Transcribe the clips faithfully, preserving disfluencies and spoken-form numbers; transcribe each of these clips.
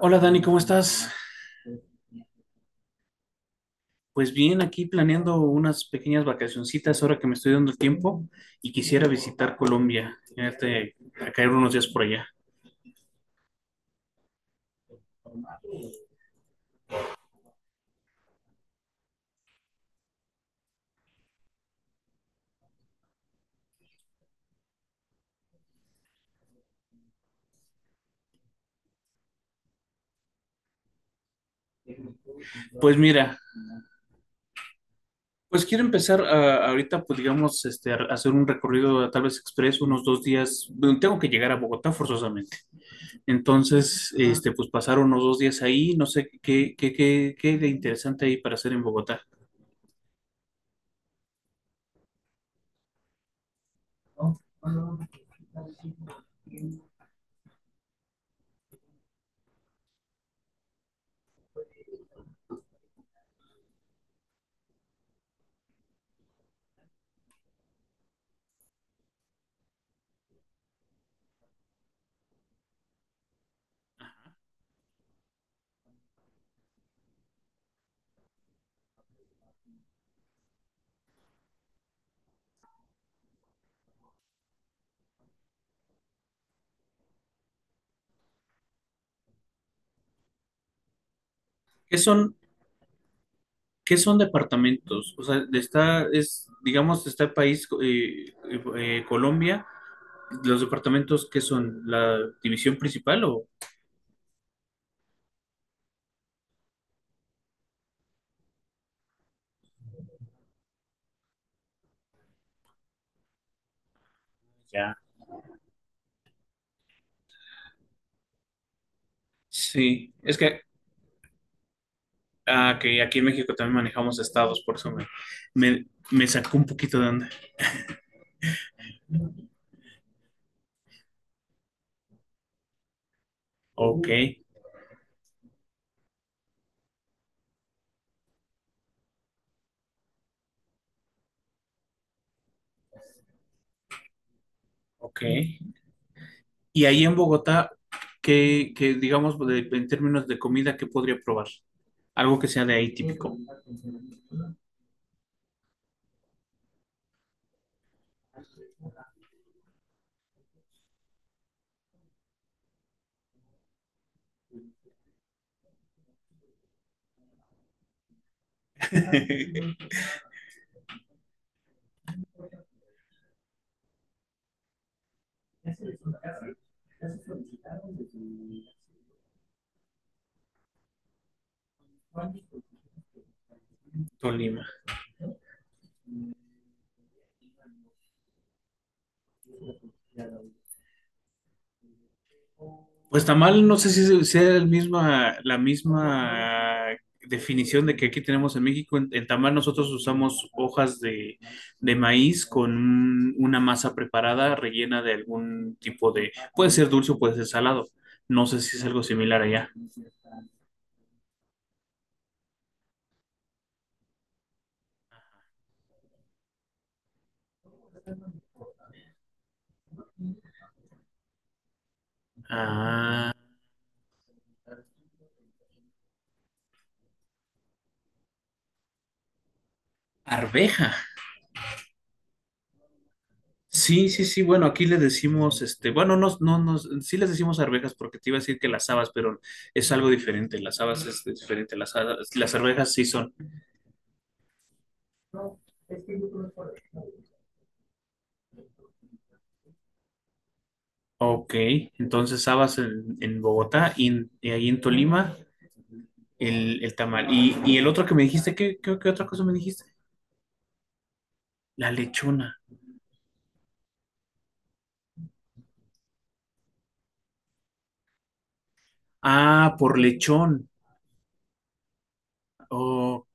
Hola Dani, ¿cómo estás? Pues bien, aquí planeando unas pequeñas vacacioncitas ahora que me estoy dando el tiempo y quisiera visitar Colombia, este, a caer unos días por allá. Pues mira, pues quiero empezar a- ahorita, pues digamos, este, a hacer un recorrido tal vez expreso, unos dos días. Bueno, tengo que llegar a Bogotá forzosamente. Entonces, este, pues pasar unos dos días ahí, no sé qué, qué, qué, qué de interesante hay para hacer en Bogotá. ¿Qué son ¿Qué son departamentos? O sea, está, es, digamos, está el país, eh, eh, Colombia, los departamentos, ¿qué son? ¿La división principal o...? Ya. Sí, es que, ah, que aquí en México también manejamos estados, por eso me, me, me sacó un poquito de onda. Ok, ok. Y ahí en Bogotá, ¿qué, qué, digamos, de- en términos de comida, ¿qué podría probar? Algo que sea de ahí típico. Tolima. Pues tamal, no sé si sea el misma, la misma definición de que aquí tenemos en México. En, en tamal nosotros usamos hojas de, de maíz con un- una masa preparada rellena de algún tipo de, puede ser dulce o puede ser salado. No sé si es algo similar allá. Ah, arveja. Sí, sí, sí. Bueno, aquí le decimos, este, bueno, no, no, no, sí les decimos arvejas porque te iba a decir que las habas, pero es algo diferente. Las habas es diferente. Las, ha- las arvejas sí son. Ok, entonces habas en, en Bogotá y, en- y ahí en Tolima el, el tamal. Y, y el otro que me dijiste, ¿qué, qué, ¿qué otra cosa me dijiste? La lechona. Ah, por lechón. Ok,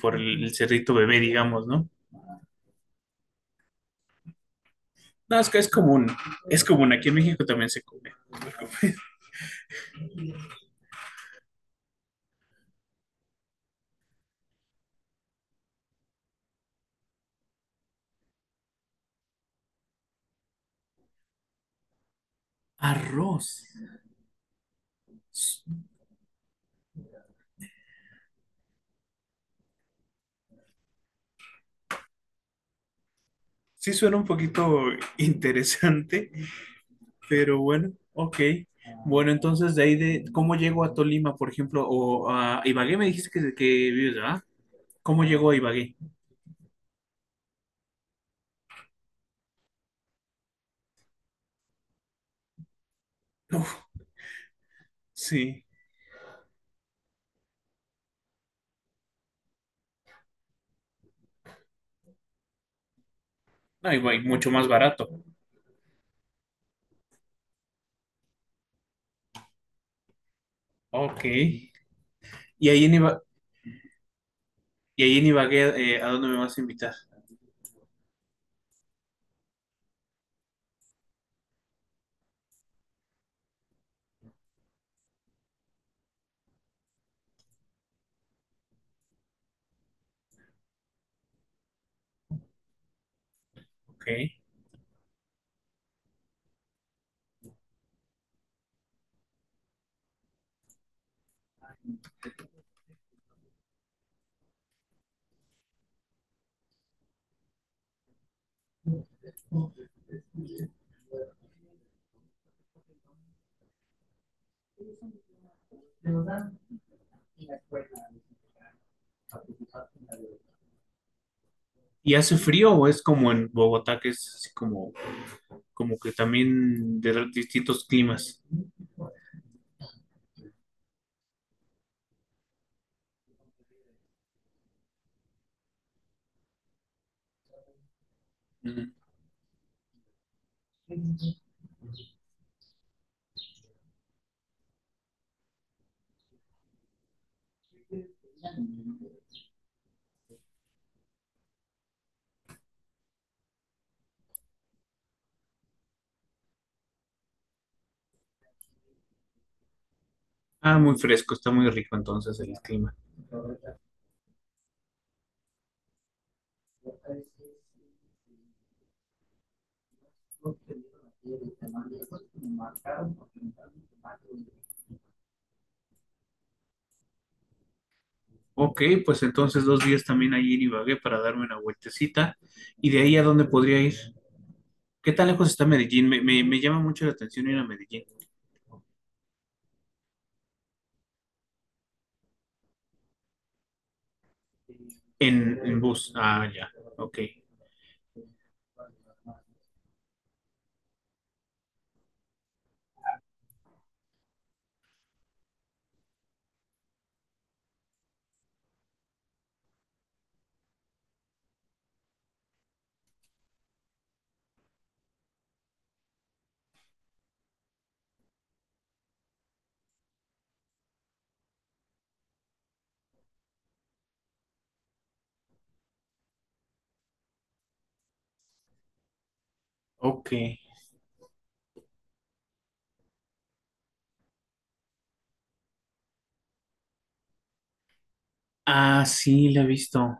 por el, el cerrito bebé, digamos, ¿no? No, es que es común, es común, aquí en México también se come. Arroz. S- Sí suena un poquito interesante, pero bueno, ok. Bueno, entonces de ahí de, ¿cómo llego a Tolima, por ejemplo? O a Ibagué me dijiste que, que vives, ¿verdad? ¿Cómo llegó a Ibagué? Uf, sí. No, Ibagué, mucho más barato. Ok. Y ahí en Iba- y ahí en Ibagué, eh, ¿a dónde me vas a invitar? Ok. ¿Y hace frío o es como en Bogotá, que es así como, como que también de r- distintos climas? Mm. Ah, muy fresco, está muy rico entonces el clima. Ok, pues entonces dos días también ahí en Ibagué para darme una vueltecita. ¿Y de ahí a dónde podría ir? ¿Qué tan lejos está Medellín? Me, me- me llama mucho la atención ir a Medellín. En, en bus. Ah, ya. Ok. Ok. Ah, sí, la he visto.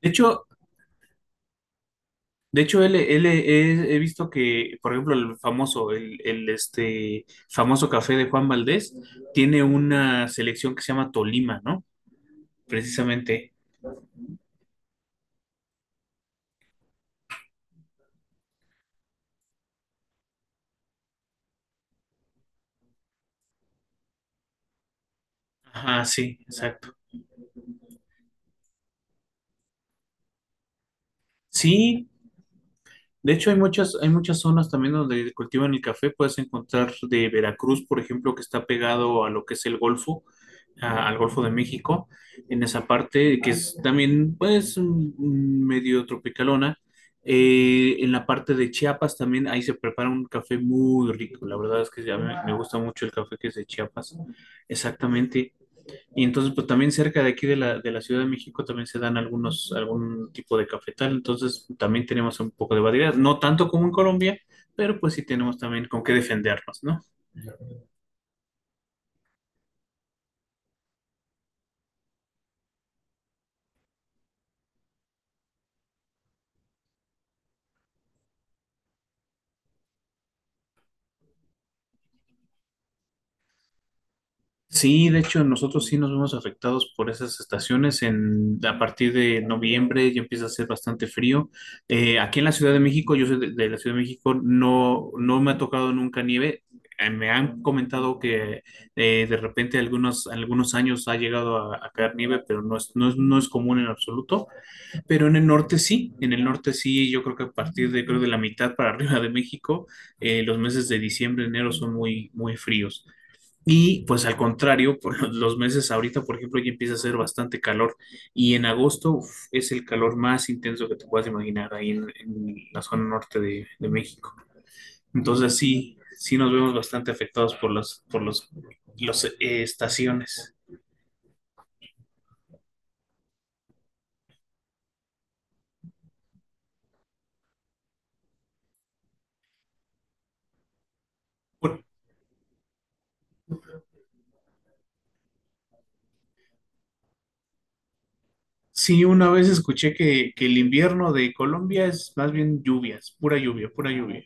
De hecho, de hecho, él, él- he, he visto que, por ejemplo, el famoso, el, el, este famoso café de Juan Valdés tiene una selección que se llama Tolima, ¿no? Precisamente. Ajá, sí, exacto. Sí, de hecho hay muchas, hay muchas zonas también donde cultivan el café. Puedes encontrar de Veracruz, por ejemplo, que está pegado a lo que es el Golfo. A- al Golfo de México, en esa parte que es también pues mm, medio tropicalona. Eh, en la parte de Chiapas también, ahí se prepara un café muy rico. La verdad es que a mí me gusta mucho el café que es de Chiapas. Exactamente. Y entonces, pues también cerca de aquí de la, de la Ciudad de México también se dan algunos, algún tipo de cafetal. Entonces, también tenemos un poco de variedad. No tanto como en Colombia, pero pues sí tenemos también con qué defendernos, ¿no? Sí, de hecho, nosotros sí nos vemos afectados por esas estaciones. En, a partir de noviembre ya empieza a hacer bastante frío. Eh, aquí en la Ciudad de México, yo soy de, de la Ciudad de México, no, no me ha tocado nunca nieve. Eh, me han comentado que eh, de repente algunos, algunos años ha llegado a, a caer nieve, pero no es, no es, no es común en absoluto. Pero en el norte sí, en el norte sí, yo creo que a partir de, creo de la mitad para arriba de México, eh, los meses de diciembre, enero son muy, muy fríos. Y pues al contrario, por los los meses ahorita, por ejemplo, ya empieza a hacer bastante calor y en agosto uf, es el calor más intenso que te puedas imaginar ahí en, en la zona norte de, de México. Entonces sí, sí nos vemos bastante afectados por las por los, los, eh, estaciones. Por- sí, una vez escuché que, que el invierno de Colombia es más bien lluvias, pura lluvia, pura lluvia.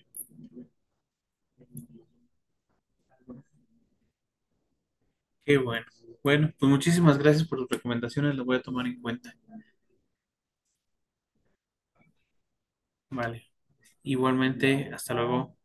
Qué bueno. Bueno, pues muchísimas gracias por tus recomendaciones, las voy a tomar en cuenta. Vale. Igualmente, hasta luego.